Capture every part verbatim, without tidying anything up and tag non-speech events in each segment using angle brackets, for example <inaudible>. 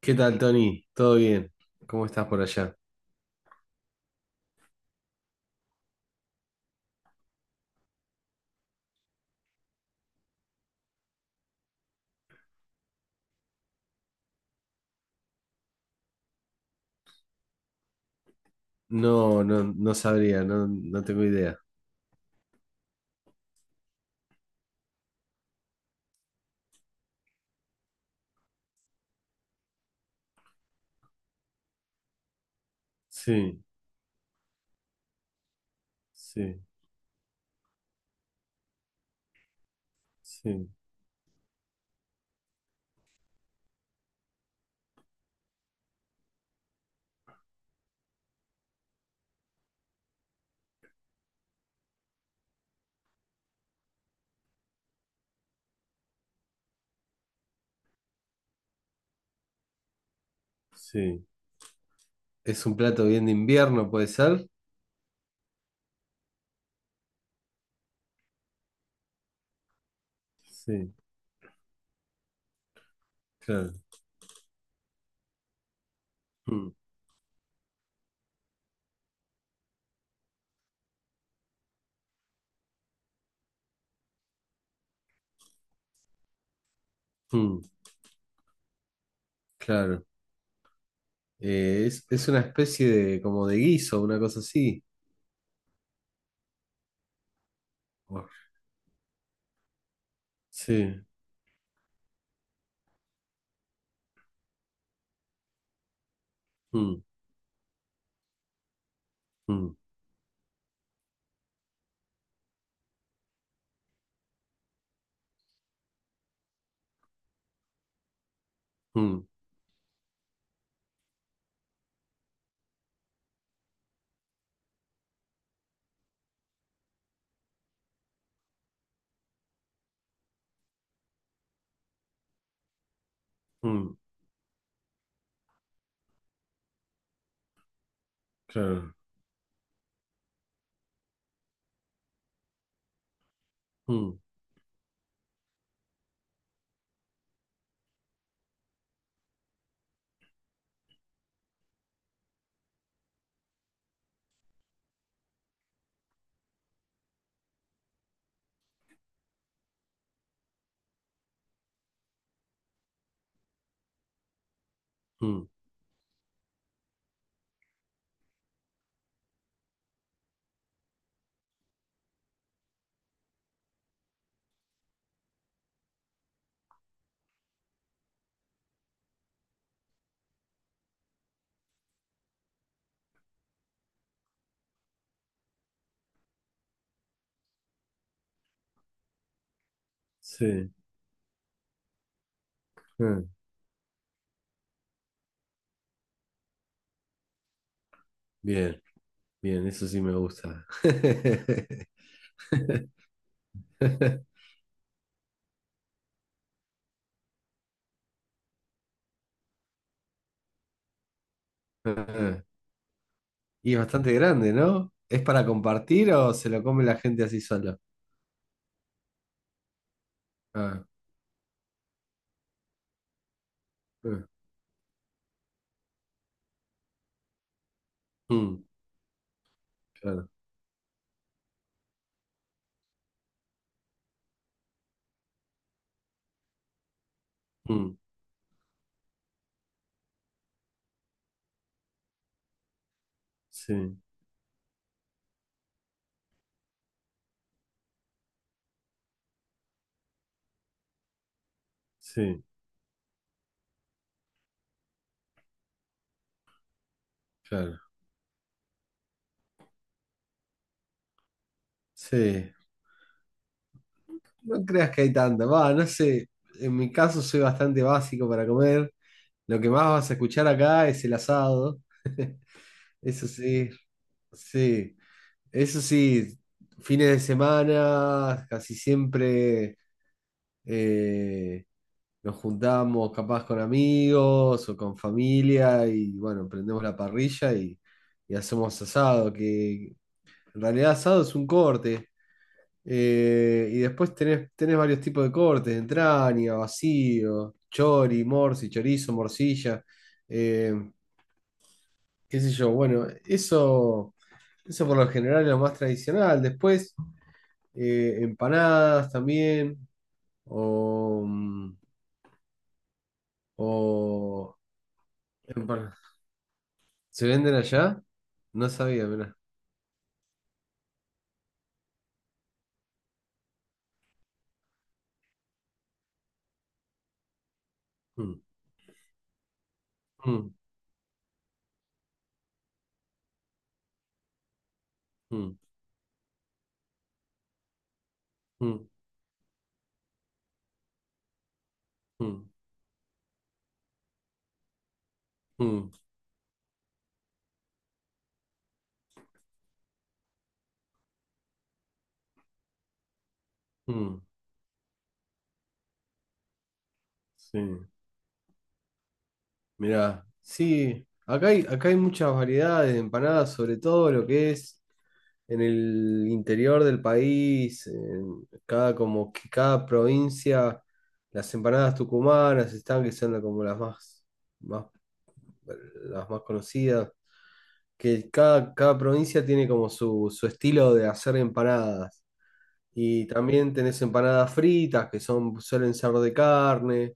¿Qué tal, Tony? ¿Todo bien? ¿Cómo estás por allá? No, no, no sabría, no, no tengo idea. Sí, sí, sí, sí. ¿Es un plato bien de invierno, puede ser? Sí, claro. Mm, mm, claro. Eh, es, es una especie de como de guiso, una cosa así. Oh, sí. Mm, mm, mm, mm, claro. Mm, mm, sí. Ah, bien, bien, eso sí me gusta. <laughs> <laughs> Y es bastante grande, ¿no? ¿Es para compartir o se lo come la gente así solo? Ah, ah, mm, claro. Mm, sí, sí, claro. Sí. No creas que hay tanto. Va, no sé. En mi caso soy bastante básico para comer. Lo que más vas a escuchar acá es el asado. <laughs> Eso sí, sí. Eso sí, fines de semana, casi siempre. eh, nos juntamos capaz con amigos o con familia y bueno, prendemos la parrilla y, y hacemos asado, que en realidad asado es un corte. eh, y después tenés, tenés varios tipos de cortes, entraña, vacío, chori, morsi, chorizo, morcilla, eh, qué sé yo. Bueno, eso, eso por lo general es lo más tradicional. Después, eh, empanadas también. O, mm, O empana- ¿Se venden allá? No sabía, mirá. Mm, mm, mm, mm, mm, mm, mm. Sí, mirá. Sí, acá hay, acá hay muchas variedades de empanadas, sobre todo lo que es en el interior del país, en cada, como que cada provincia, las empanadas tucumanas están que son la- como las más, más, las más conocidas. Que cada, cada provincia tiene como su, su estilo de hacer empanadas. Y también tenés empanadas fritas, que son, suelen ser de carne.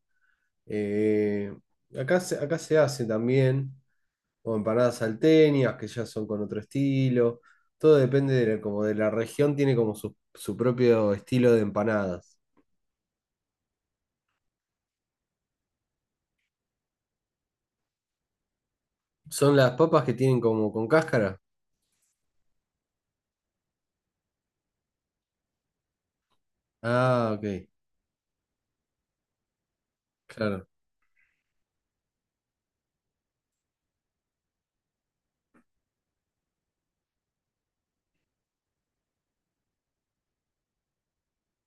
eh, acá se, acá se hace también, o empanadas salteñas, que ya son con otro estilo. Todo depende de la, como de la región, tiene como su, su propio estilo de empanadas. Son las papas que tienen como con cáscara. Ah, ok, claro.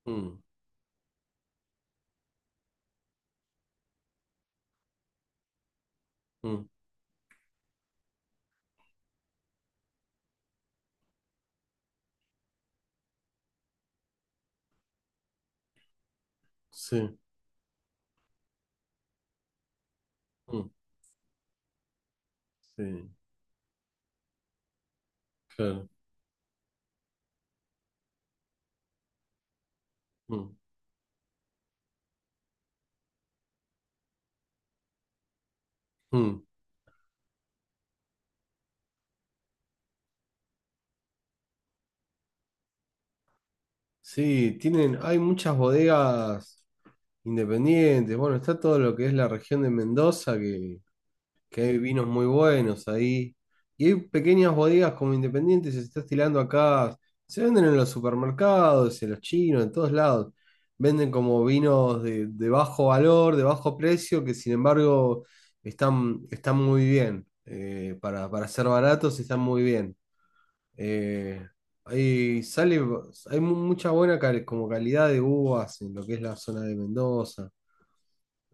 Mm, mm, sí, mm, sí, claro. Mm, mm. Sí, tienen, hay muchas bodegas independientes. Bueno, está todo lo que es la región de Mendoza, que, que hay vinos muy buenos ahí. Y hay pequeñas bodegas como independientes, se está estilando acá. Se venden en los supermercados, en los chinos, en todos lados. Venden como vinos de, de bajo valor, de bajo precio, que sin embargo están, están muy bien. Eh, para, para ser baratos están muy bien. Eh, hay, sale, hay mu- mucha buena cal- como calidad de uvas en lo que es la zona de Mendoza.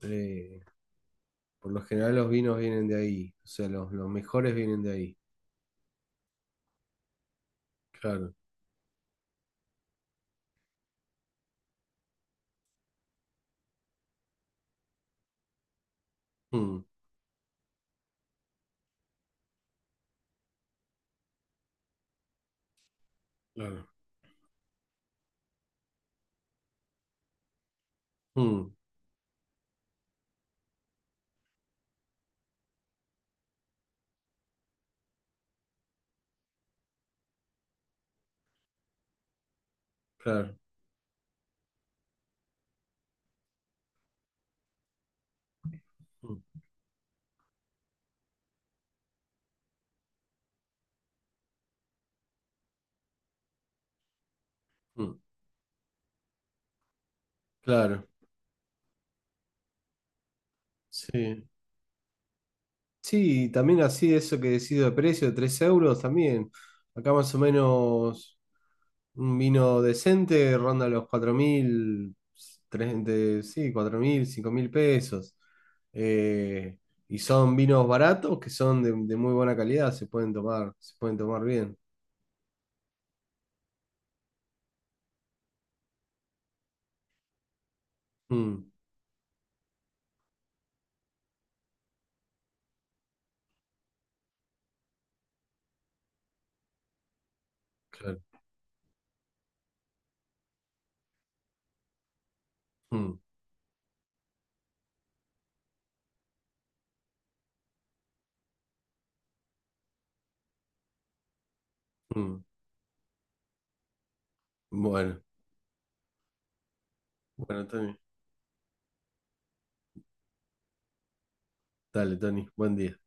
Eh, por lo general los vinos vienen de ahí, o sea, los, los mejores vienen de ahí. Claro. Mm, claro. Mm, claro. Mm, mm, claro. Sí. Sí, y también así eso que decido de precio, tres euros también. Acá más o menos. Un vino decente ronda los cuatro mil, tres- de- sí, cuatro mil cinco mil pesos. Eh, y son vinos baratos que son de, de muy buena calidad, se pueden tomar, se pueden tomar bien. Mm, claro. Mm, mm. Bueno, bueno, Tony. Dale, Tony, buen día.